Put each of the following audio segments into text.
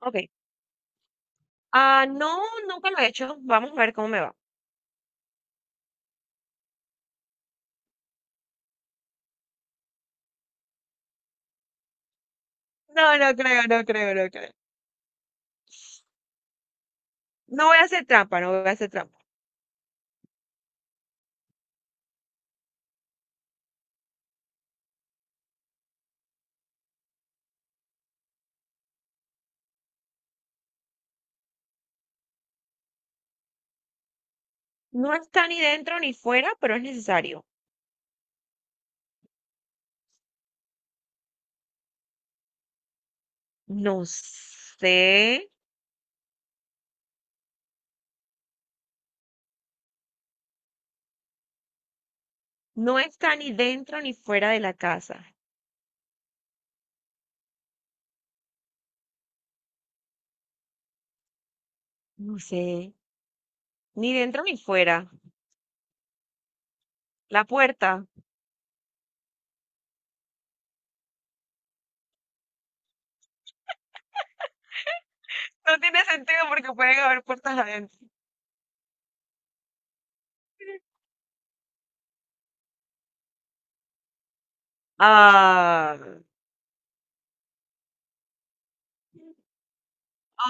Ok. Ah, no, nunca lo he hecho. Vamos a ver cómo me va. No, no creo, no creo, no creo. No voy a hacer trampa, no voy a hacer trampa. No está ni dentro ni fuera, pero es necesario. No sé. No está ni dentro ni fuera de la casa. No sé. Ni dentro ni fuera. La puerta. No tiene sentido porque pueden haber puertas adentro. Ah.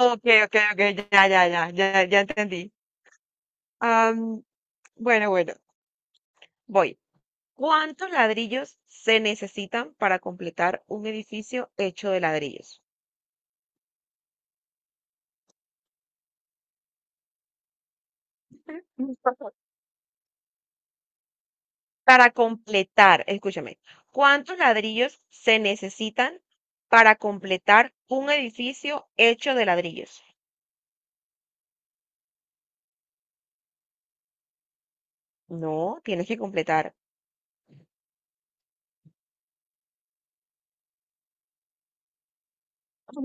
Ok, ok, ok. Ya, ya, ya, ya, ya entendí. Am, bueno, bueno. Voy. ¿Cuántos ladrillos se necesitan para completar un edificio hecho de ladrillos? Para completar, escúchame, ¿cuántos ladrillos se necesitan para completar un edificio hecho de ladrillos? No, tienes que completar.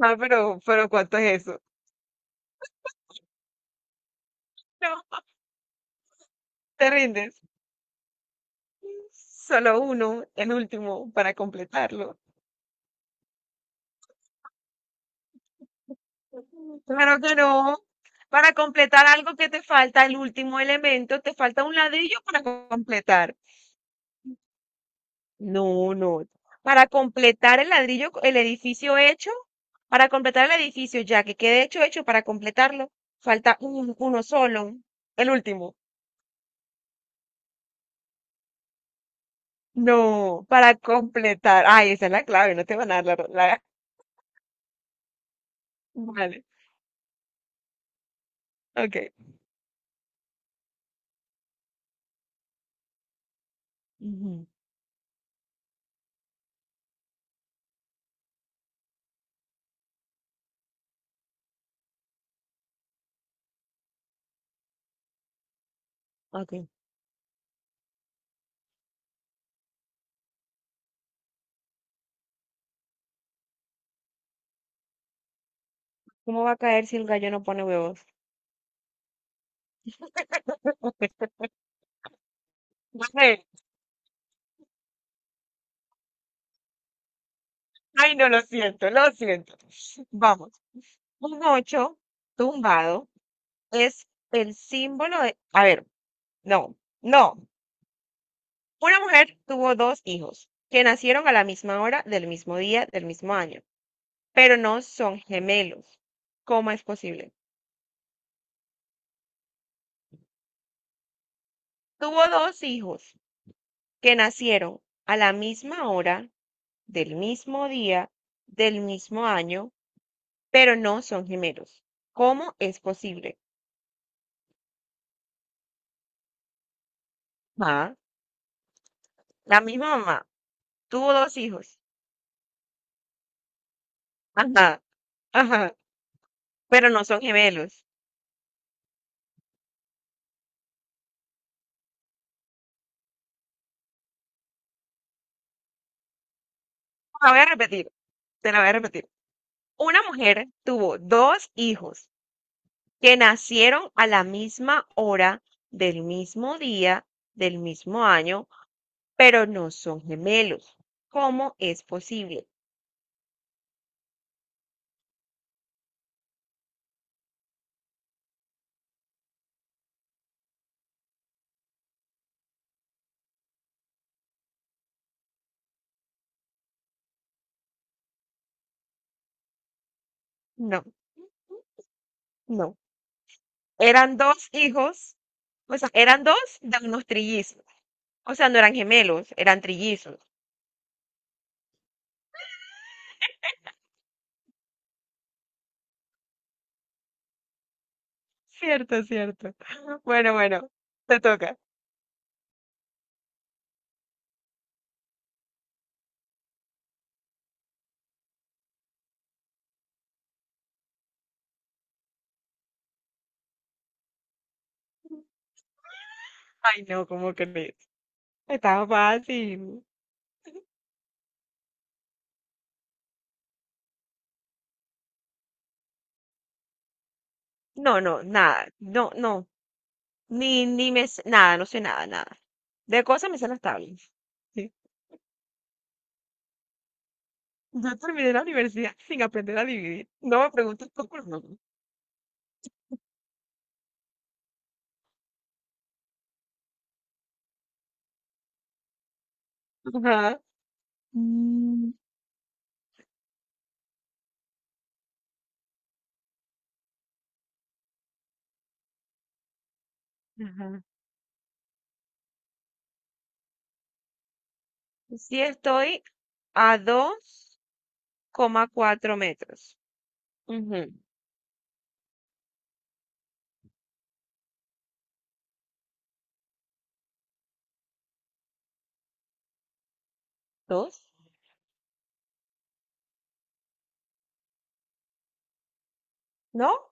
Ah, pero ¿cuánto es eso? No, te rindes. Solo uno, el último, para completarlo. Claro que no. Para completar algo que te falta, el último elemento, te falta un ladrillo para completar. No, no. Para completar el ladrillo, el edificio hecho, para completar el edificio ya que quede hecho, hecho, para completarlo, falta uno solo, el último. No, para completar. Ay, esa es la clave, no te van a dar la. Vale, ok. Ujú, ok. ¿Cómo va a caer si el gallo no pone huevos? No sé. Ay, no, lo siento, lo siento. Vamos, un 8 tumbado es el símbolo de... A ver, no, no. Una mujer tuvo dos hijos que nacieron a la misma hora, del mismo día, del mismo año, pero no son gemelos. ¿Cómo es posible? Tuvo dos hijos que nacieron a la misma hora, del mismo día, del mismo año, pero no son gemelos. ¿Cómo es posible? Ma, la misma mamá tuvo dos hijos. Ajá, ajá, pero no son gemelos. La voy a repetir, te la voy a repetir. Una mujer tuvo dos hijos que nacieron a la misma hora, del mismo día, del mismo año, pero no son gemelos. ¿Cómo es posible? No, no. Eran dos hijos, o sea, eran dos de unos trillizos. O sea, no eran gemelos, eran trillizos. Cierto, cierto. Bueno, bueno, te toca. Ay, no, ¿cómo crees? Estaba fácil. No, no, nada. No, no. Ni nada, no sé nada, nada. De cosas me sé las tablas. Sí. Yo terminé la universidad sin aprender a dividir. No me preguntes cómo no. Ajá. Mm, ajá. Sí estoy a 2,4 metros. Ujú. ¿Dos? ¿No?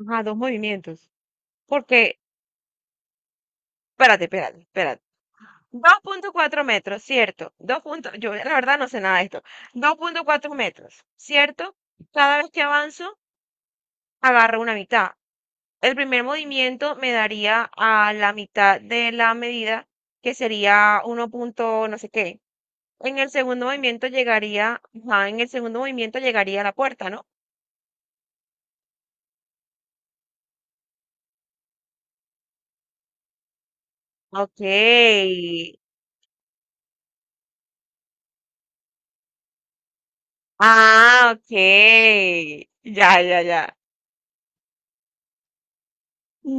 Ajá, dos movimientos. Porque, espérate, espérate, espérate. 2.4 metros, ¿cierto? Dos punto- yo la verdad no sé nada de esto. 2.4 metros, ¿cierto? Cada vez que avanzo, agarro una mitad. El primer movimiento me daría a la mitad de la medida, que sería uno punto no sé qué. En el segundo movimiento llegaría, ajá, en el segundo movimiento llegaría a la puerta, ¿no? Ok. Ah, ok. Ya, ya, ya.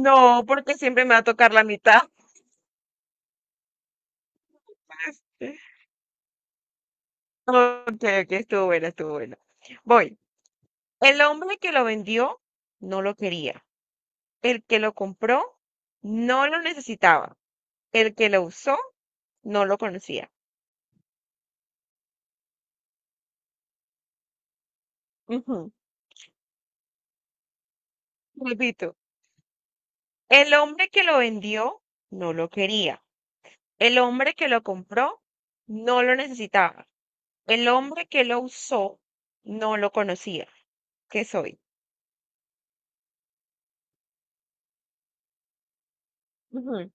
No, porque siempre me va a tocar la mitad. Ok, ok, estuvo buena, estuvo buena. Voy. El hombre que lo vendió no lo quería. El que lo compró no lo necesitaba. El que lo usó no lo conocía. Ujú. Repito. El hombre que lo vendió no lo quería. El hombre que lo compró no lo necesitaba. El hombre que lo usó no lo conocía. ¿Qué soy? Ujú.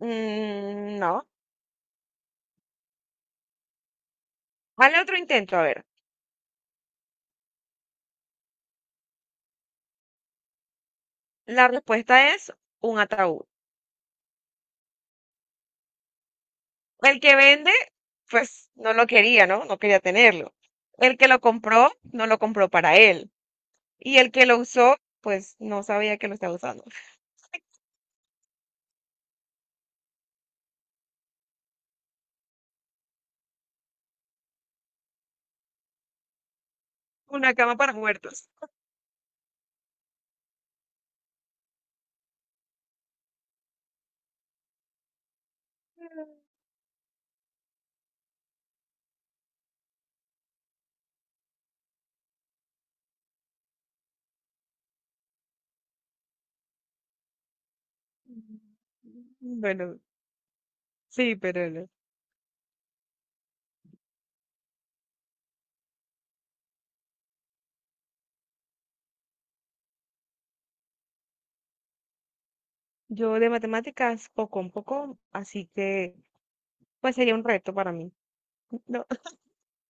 Mm, no. Hazle otro intento, a ver. La respuesta es un ataúd. El que vende, pues no lo quería, ¿no? No quería tenerlo. El que lo compró, no lo compró para él. Y el que lo usó, pues no sabía que lo estaba usando. Una cama para muertos. Bueno, sí, pero no. Yo de matemáticas poco un poco, así que pues sería un reto para mí.